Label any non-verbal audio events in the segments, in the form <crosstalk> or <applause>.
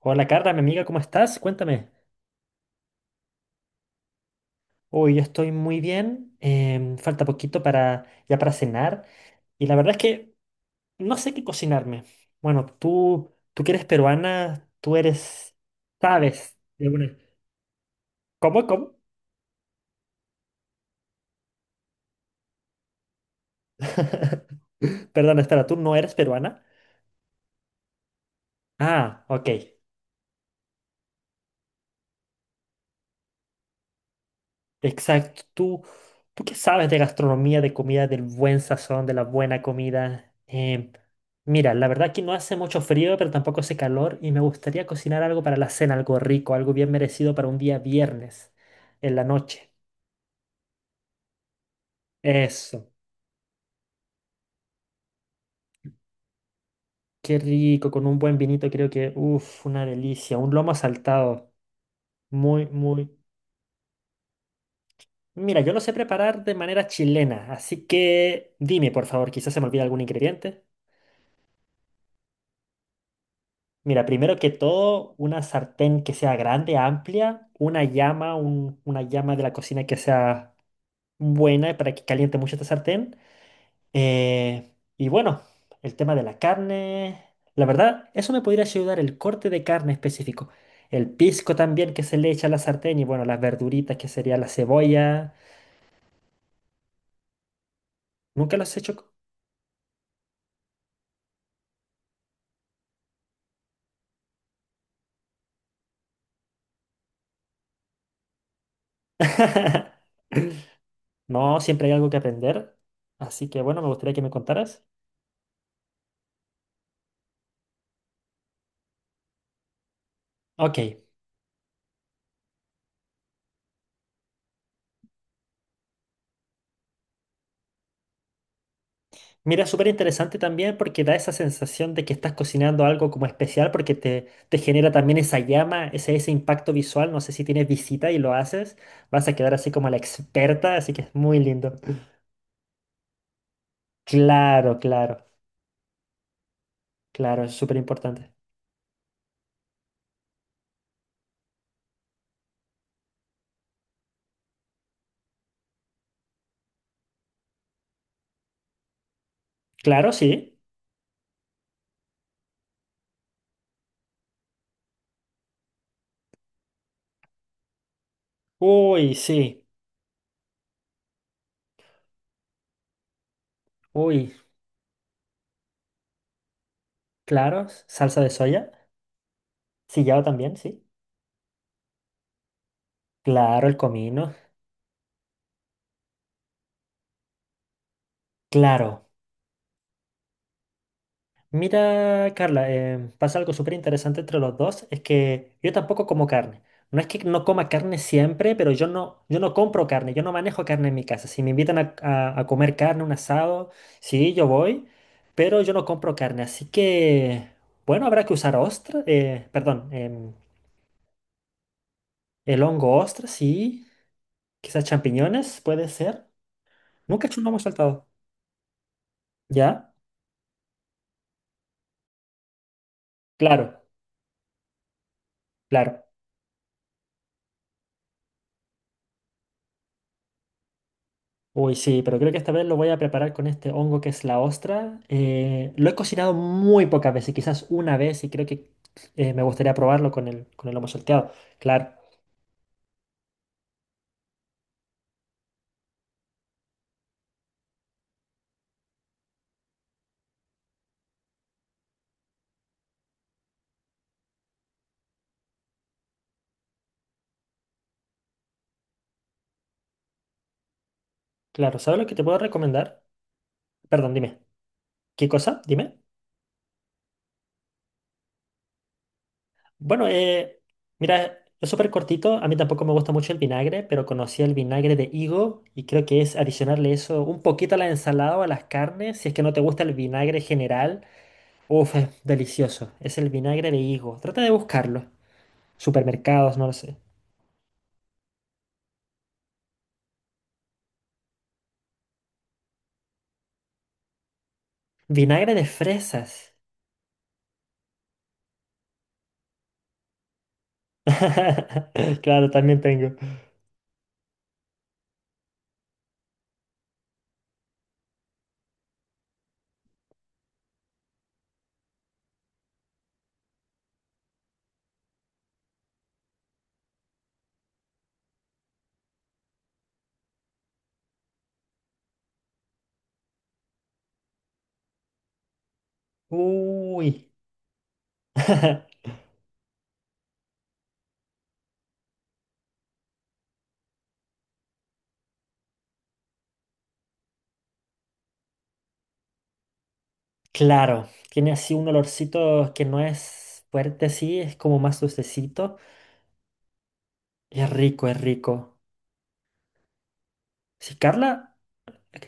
Hola Carla, mi amiga, ¿cómo estás? Cuéntame. Hoy yo estoy muy bien. Falta poquito para ya para cenar y la verdad es que no sé qué cocinarme. Bueno, tú que eres peruana, tú eres sabes de una- ¿Cómo? ¿Cómo? <laughs> Perdón, espera, ¿tú no eres peruana? Ah, ok. Exacto. ¿Tú, tú qué sabes de gastronomía, de comida, del buen sazón, de la buena comida? Mira, la verdad que no hace mucho frío, pero tampoco hace calor y me gustaría cocinar algo para la cena, algo rico, algo bien merecido para un día viernes en la noche. Eso. Qué rico, con un buen vinito creo que, uff, una delicia. Un lomo saltado. Muy, muy... Mira, yo lo sé preparar de manera chilena, así que dime, por favor, quizás se me olvida algún ingrediente. Mira, primero que todo, una sartén que sea grande, amplia, una llama, una llama de la cocina que sea buena para que caliente mucho esta sartén. Eh, y bueno, el tema de la carne, la verdad, eso me podría ayudar el corte de carne específico. El pisco también que se le echa a la sartén y bueno, las verduritas que sería la cebolla. Nunca los he hecho. Co- <laughs> No, siempre hay algo que aprender. Así que bueno, me gustaría que me contaras. Ok. Mira, súper interesante también porque da esa sensación de que estás cocinando algo como especial porque te genera también esa llama, ese impacto visual. No sé si tienes visita y lo haces, vas a quedar así como la experta, así que es muy lindo. Claro, claro, claro, es súper importante. Claro, sí. Uy, sí. Uy, claro, salsa de soya. Sillao también, sí. Claro, el comino. Claro. Mira, Carla, pasa algo súper interesante entre los dos, es que yo tampoco como carne. No es que no coma carne siempre, pero yo no compro carne, yo no manejo carne en mi casa. Si me invitan a, a comer carne, un asado, sí, yo voy, pero yo no compro carne. Así que, bueno, habrá que usar ostra, perdón, el hongo ostra, sí, quizás champiñones, puede ser. Nunca he hecho un lomo saltado, ¿ya? Claro, claro. Uy, sí, pero creo que esta vez lo voy a preparar con este hongo que es la ostra. Lo he cocinado muy pocas veces, quizás una vez, y creo que me gustaría probarlo con el lomo salteado. Claro, claro. ¿Sabes lo que te puedo recomendar? Perdón, dime. ¿Qué cosa? Dime. Bueno, mira, es súper cortito. A mí tampoco me gusta mucho el vinagre, pero conocí el vinagre de higo y creo que es adicionarle eso un poquito a la ensalada o a las carnes. Si es que no te gusta el vinagre general, uf, es delicioso. Es el vinagre de higo. Trata de buscarlo. Supermercados, no lo sé. Vinagre de fresas. <laughs> Claro, también tengo. Uy. <laughs> Claro, tiene así un olorcito que no es fuerte, sí, es como más dulcecito. Es rico, es rico. Sí, Carla,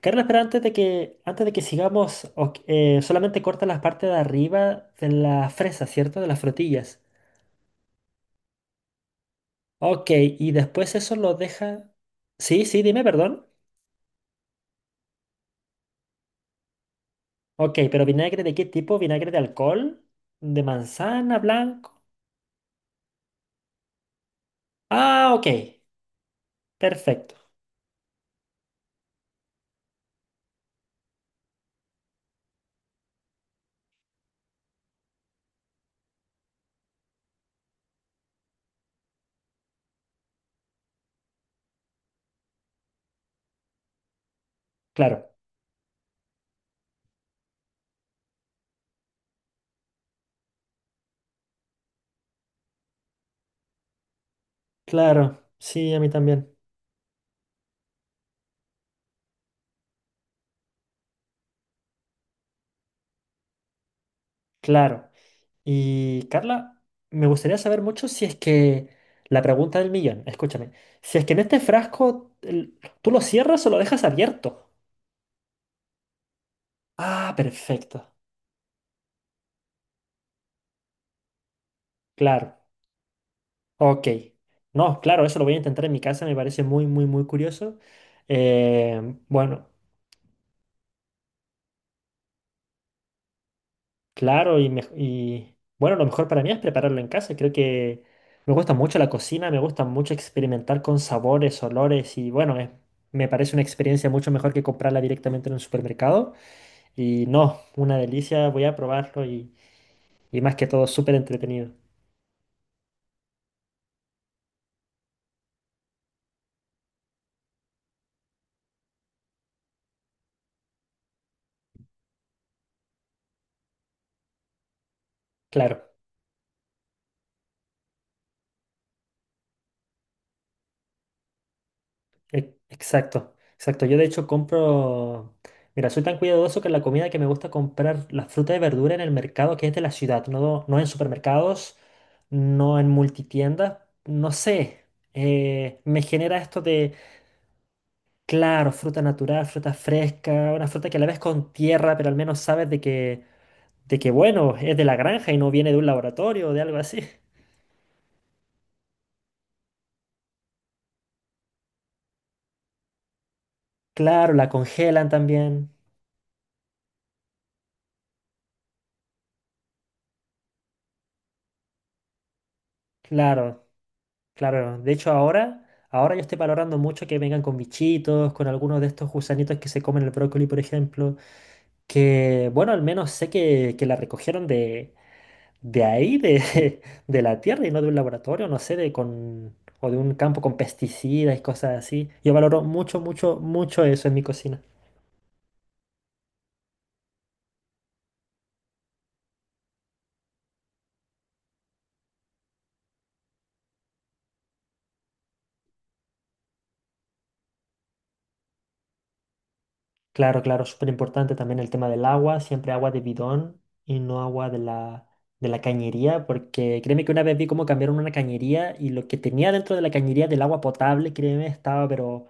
Carla, espera, antes de que sigamos, ok, solamente corta la parte de arriba de la fresa, ¿cierto? De las frutillas. Ok, y después eso lo deja. Sí, sí, dime, perdón. Ok, ¿pero vinagre de qué tipo? ¿Vinagre de alcohol? ¿De manzana blanco? Ah, ok. Perfecto. Claro. Claro. Sí, a mí también. Claro. Y Carla, me gustaría saber mucho si es que la pregunta del millón, escúchame, si es que en este frasco tú lo cierras o lo dejas abierto. Ah, perfecto. Claro. Ok. No, claro, eso lo voy a intentar en mi casa, me parece muy, muy, muy curioso. Eh, bueno. Claro, y, mej- y, bueno, lo mejor para mí es prepararlo en casa. Creo que me gusta mucho la cocina, me gusta mucho experimentar con sabores, olores y bueno, es- me parece una experiencia mucho mejor que comprarla directamente en un supermercado. Y no, una delicia, voy a probarlo y más que todo súper entretenido. Claro. Exacto, exacto. Yo de hecho compro, mira, soy tan cuidadoso que la comida que me gusta comprar, la fruta y verdura en el mercado que es de la ciudad, no, no en supermercados, no en multitiendas, no sé. Me genera esto de, claro, fruta natural, fruta fresca, una fruta que a la vez con tierra, pero al menos sabes de que, bueno, es de la granja y no viene de un laboratorio o de algo así. <laughs> Claro, la congelan también. Claro, claro, de hecho ahora yo estoy valorando mucho que vengan con bichitos, con algunos de estos gusanitos que se comen el brócoli, por ejemplo, que bueno, al menos sé que la recogieron de ahí, de, <laughs> de la tierra y no de un laboratorio, no sé, de con, o de un campo con pesticidas y cosas así. Yo valoro mucho, mucho, mucho eso en mi cocina. Claro, claro, súper importante también el tema del agua, siempre agua de bidón y no agua de la cañería, porque créeme que una vez vi cómo cambiaron una cañería y lo que tenía dentro de la cañería del agua potable, créeme, estaba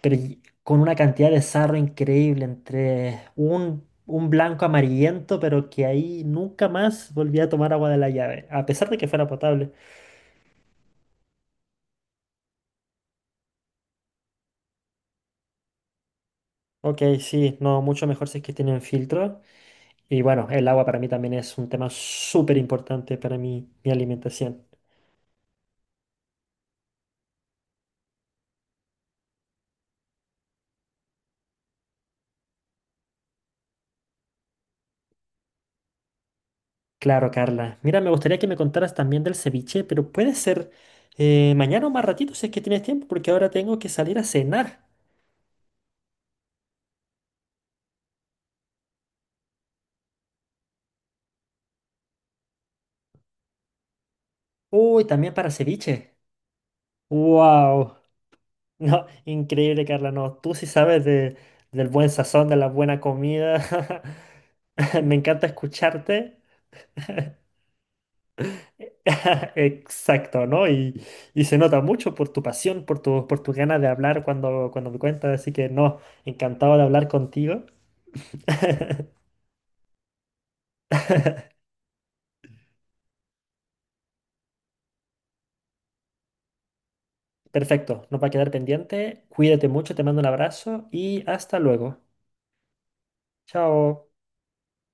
pero con una cantidad de sarro increíble, entre un blanco amarillento, pero que ahí nunca más volví a tomar agua de la llave, a pesar de que fuera potable. Ok, sí, no, mucho mejor si es que tienen filtro. Y bueno, el agua para mí también es un tema súper importante para mi alimentación. Claro, Carla. Mira, me gustaría que me contaras también del ceviche, pero puede ser mañana o más ratito si es que tienes tiempo, porque ahora tengo que salir a cenar. Uy, también para ceviche. ¡Wow! <laughs> No, increíble, Carla. No, tú sí sabes de- del buen sazón, de la buena comida. <laughs> Me encanta escucharte. <laughs> Exacto, ¿no? Y se nota mucho por tu pasión, por tu ganas de hablar cuando, cuando me cuentas. Así que no, encantado de hablar contigo. <laughs> Perfecto, no va a quedar pendiente. Cuídate mucho, te mando un abrazo y hasta luego. Chao.